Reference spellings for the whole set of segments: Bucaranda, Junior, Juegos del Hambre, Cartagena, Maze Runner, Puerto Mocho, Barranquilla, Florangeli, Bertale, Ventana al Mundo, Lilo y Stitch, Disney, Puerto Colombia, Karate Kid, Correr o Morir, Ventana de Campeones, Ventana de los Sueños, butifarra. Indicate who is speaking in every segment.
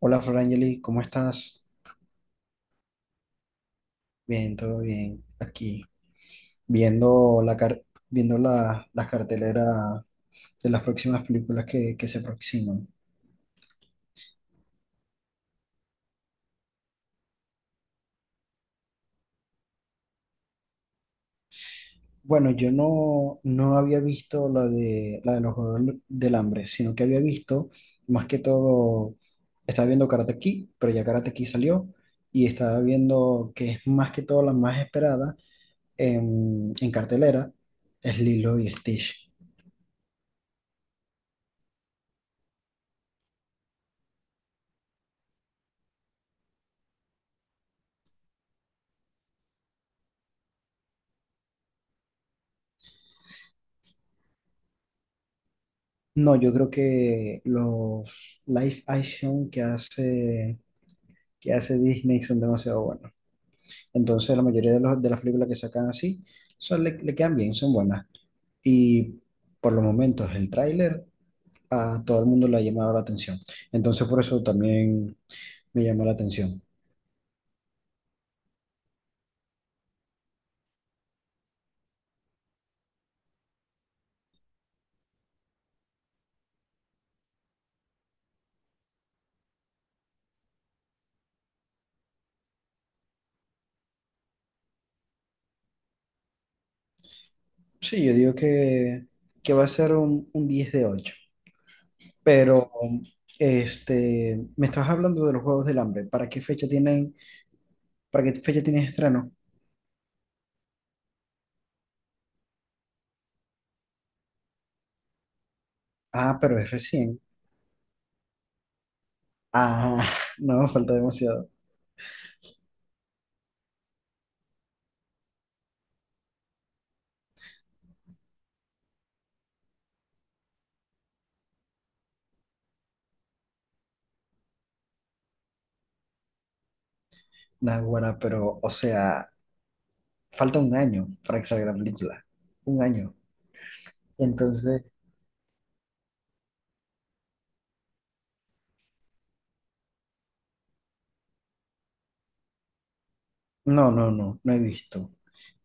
Speaker 1: Hola Florangeli, ¿cómo estás? Bien, todo bien. Aquí viendo la viendo las carteleras de las próximas películas que se aproximan. Bueno, yo no, no había visto la de los Juegos del Hambre, sino que había visto más que todo, estaba viendo Karate Kid, pero ya Karate Kid salió, y estaba viendo que es más que todo la más esperada en cartelera, es Lilo y Stitch. No, yo creo que los live action que hace Disney son demasiado buenos. Entonces, la mayoría de las películas que sacan así son, le quedan bien, son buenas. Y por los momentos, el tráiler a todo el mundo le ha llamado la atención. Entonces, por eso también me llamó la atención. Sí, yo digo que va a ser un 10 de ocho. Pero me estabas hablando de los Juegos del Hambre. ¿Para qué fecha para qué fecha tienen estreno? Ah, pero es recién. Ah, no, falta demasiado. Naguará, pero, o sea, falta un año para que salga la película. Un año. Entonces, no, no, no, no he visto.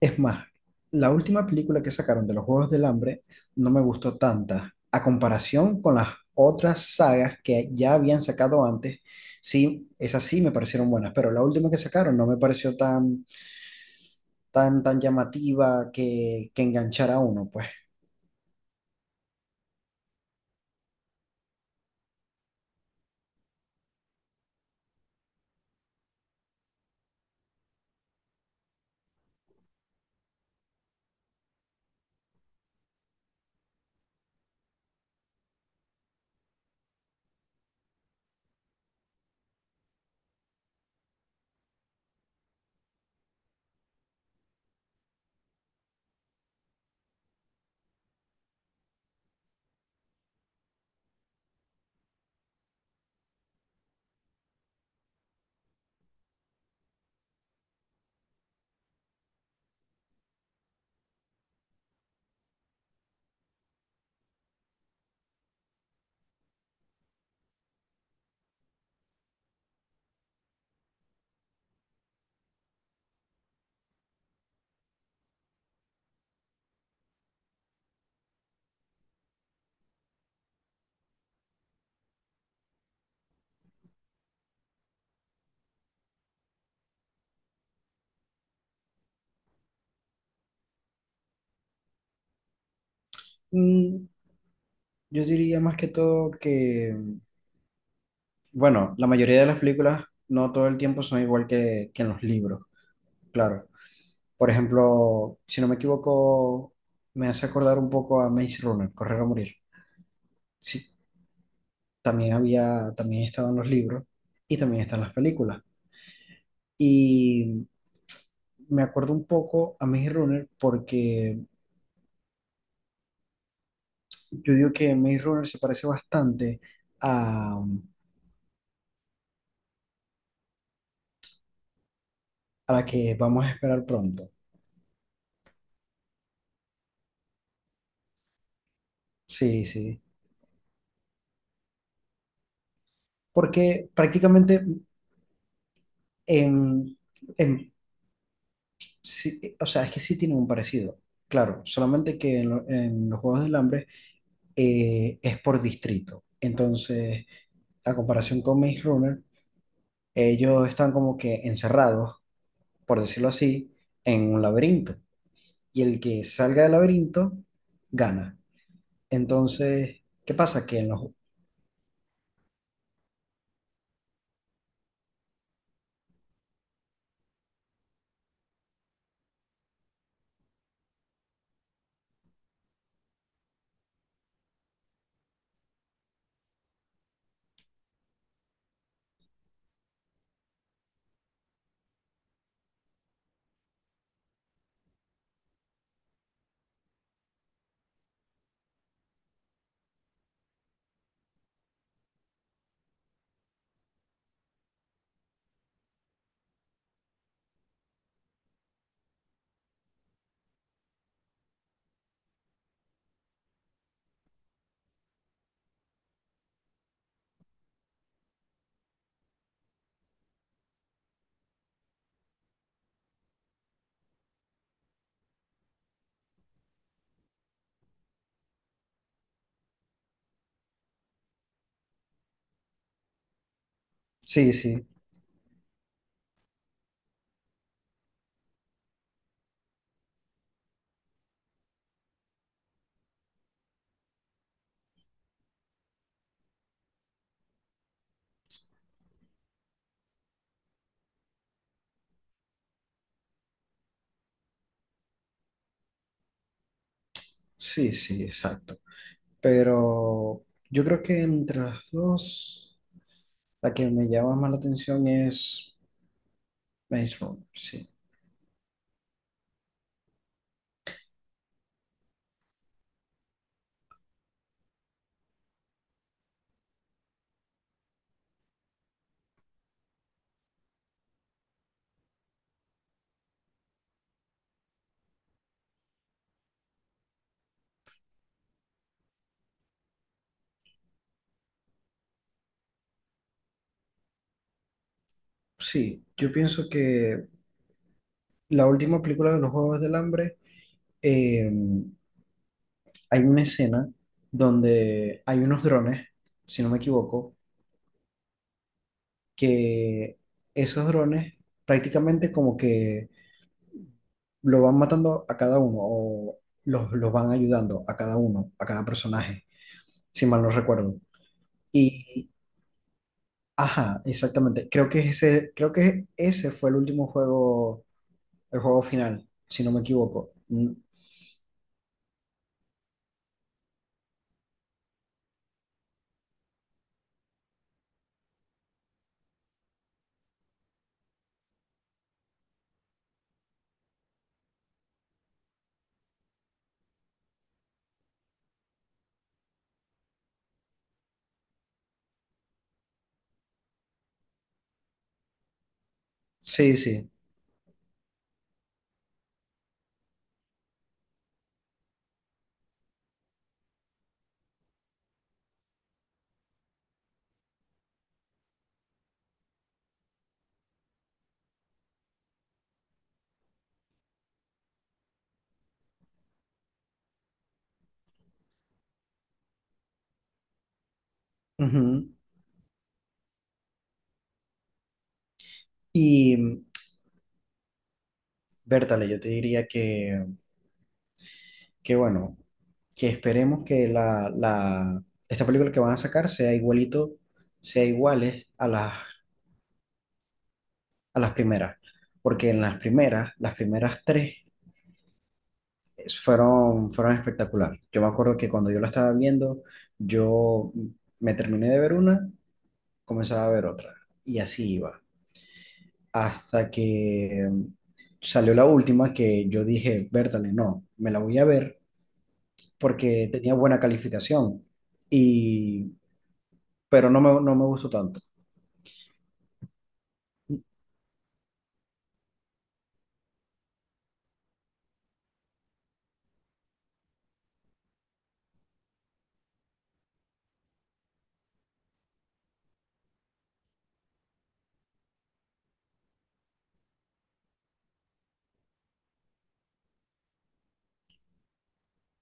Speaker 1: Es más, la última película que sacaron de los Juegos del Hambre no me gustó tanta. A comparación con las otras sagas que ya habían sacado antes, sí, esas sí me parecieron buenas, pero la última que sacaron no me pareció tan, tan, tan llamativa que enganchara a uno, pues. Mm, Yo diría más que todo bueno, la mayoría de las películas no todo el tiempo son igual que en los libros, claro. Por ejemplo, si no me equivoco, me hace acordar un poco a Maze Runner, Correr o Morir. Sí, también había, también estaba en los libros y también están las películas. Y me acuerdo un poco a Maze Runner porque yo digo que Maze Runner se parece bastante a, a la que vamos a esperar pronto. Sí, sí, porque prácticamente en, en- sí, o sea, es que sí tienen un parecido, claro, solamente que en los Juegos del Hambre es por distrito. Entonces, a comparación con Maze Runner, ellos están como que encerrados, por decirlo así, en un laberinto. Y el que salga del laberinto gana. Entonces, ¿qué pasa? Que en los... Sí, sí, sí, sí, exacto. Pero yo creo que entre las dos... La que me llama más la atención es Maze Runner, sí. Sí, yo pienso que la última película de los Juegos del Hambre, eh, hay una escena donde hay unos drones, si no me equivoco, que esos drones prácticamente como que lo van matando a cada uno o los van ayudando a cada uno, a cada personaje, si mal no recuerdo. Y, ajá, exactamente. Creo que ese fue el último juego, el juego final, si no me equivoco. Mm, sí, sí. Ujú. Y Bertale, yo te diría que bueno, que esperemos que la esta película que van a sacar sea igualito, sea iguales a las primeras. Porque en las primeras tres fueron, fueron espectacular. Yo me acuerdo que cuando yo la estaba viendo, yo me terminé de ver una, comenzaba a ver otra. Y así iba, hasta que salió la última que yo dije, Bertale, no, me la voy a ver porque tenía buena calificación y, pero no me gustó tanto.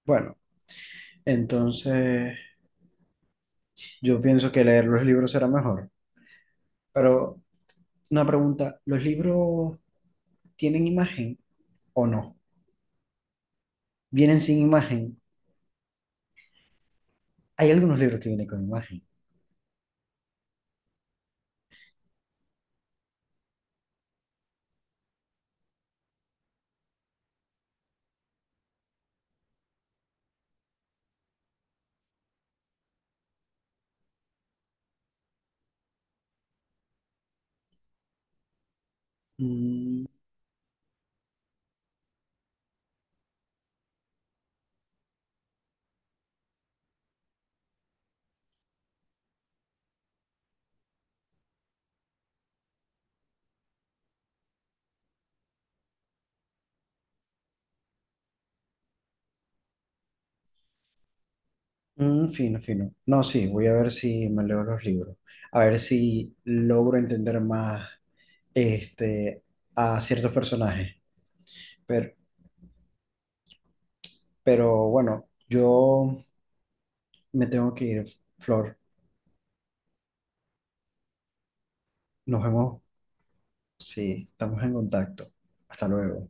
Speaker 1: Bueno, entonces yo pienso que leer los libros será mejor. Pero una pregunta, ¿los libros tienen imagen o no? ¿Vienen sin imagen? Hay algunos libros que vienen con imagen. Mm, fino, fino. No, sí, voy a ver si me leo los libros. A ver si logro entender más este, a ciertos personajes. Pero, pero bueno, yo me tengo que ir, Flor. Nos vemos si estamos en contacto. Hasta luego.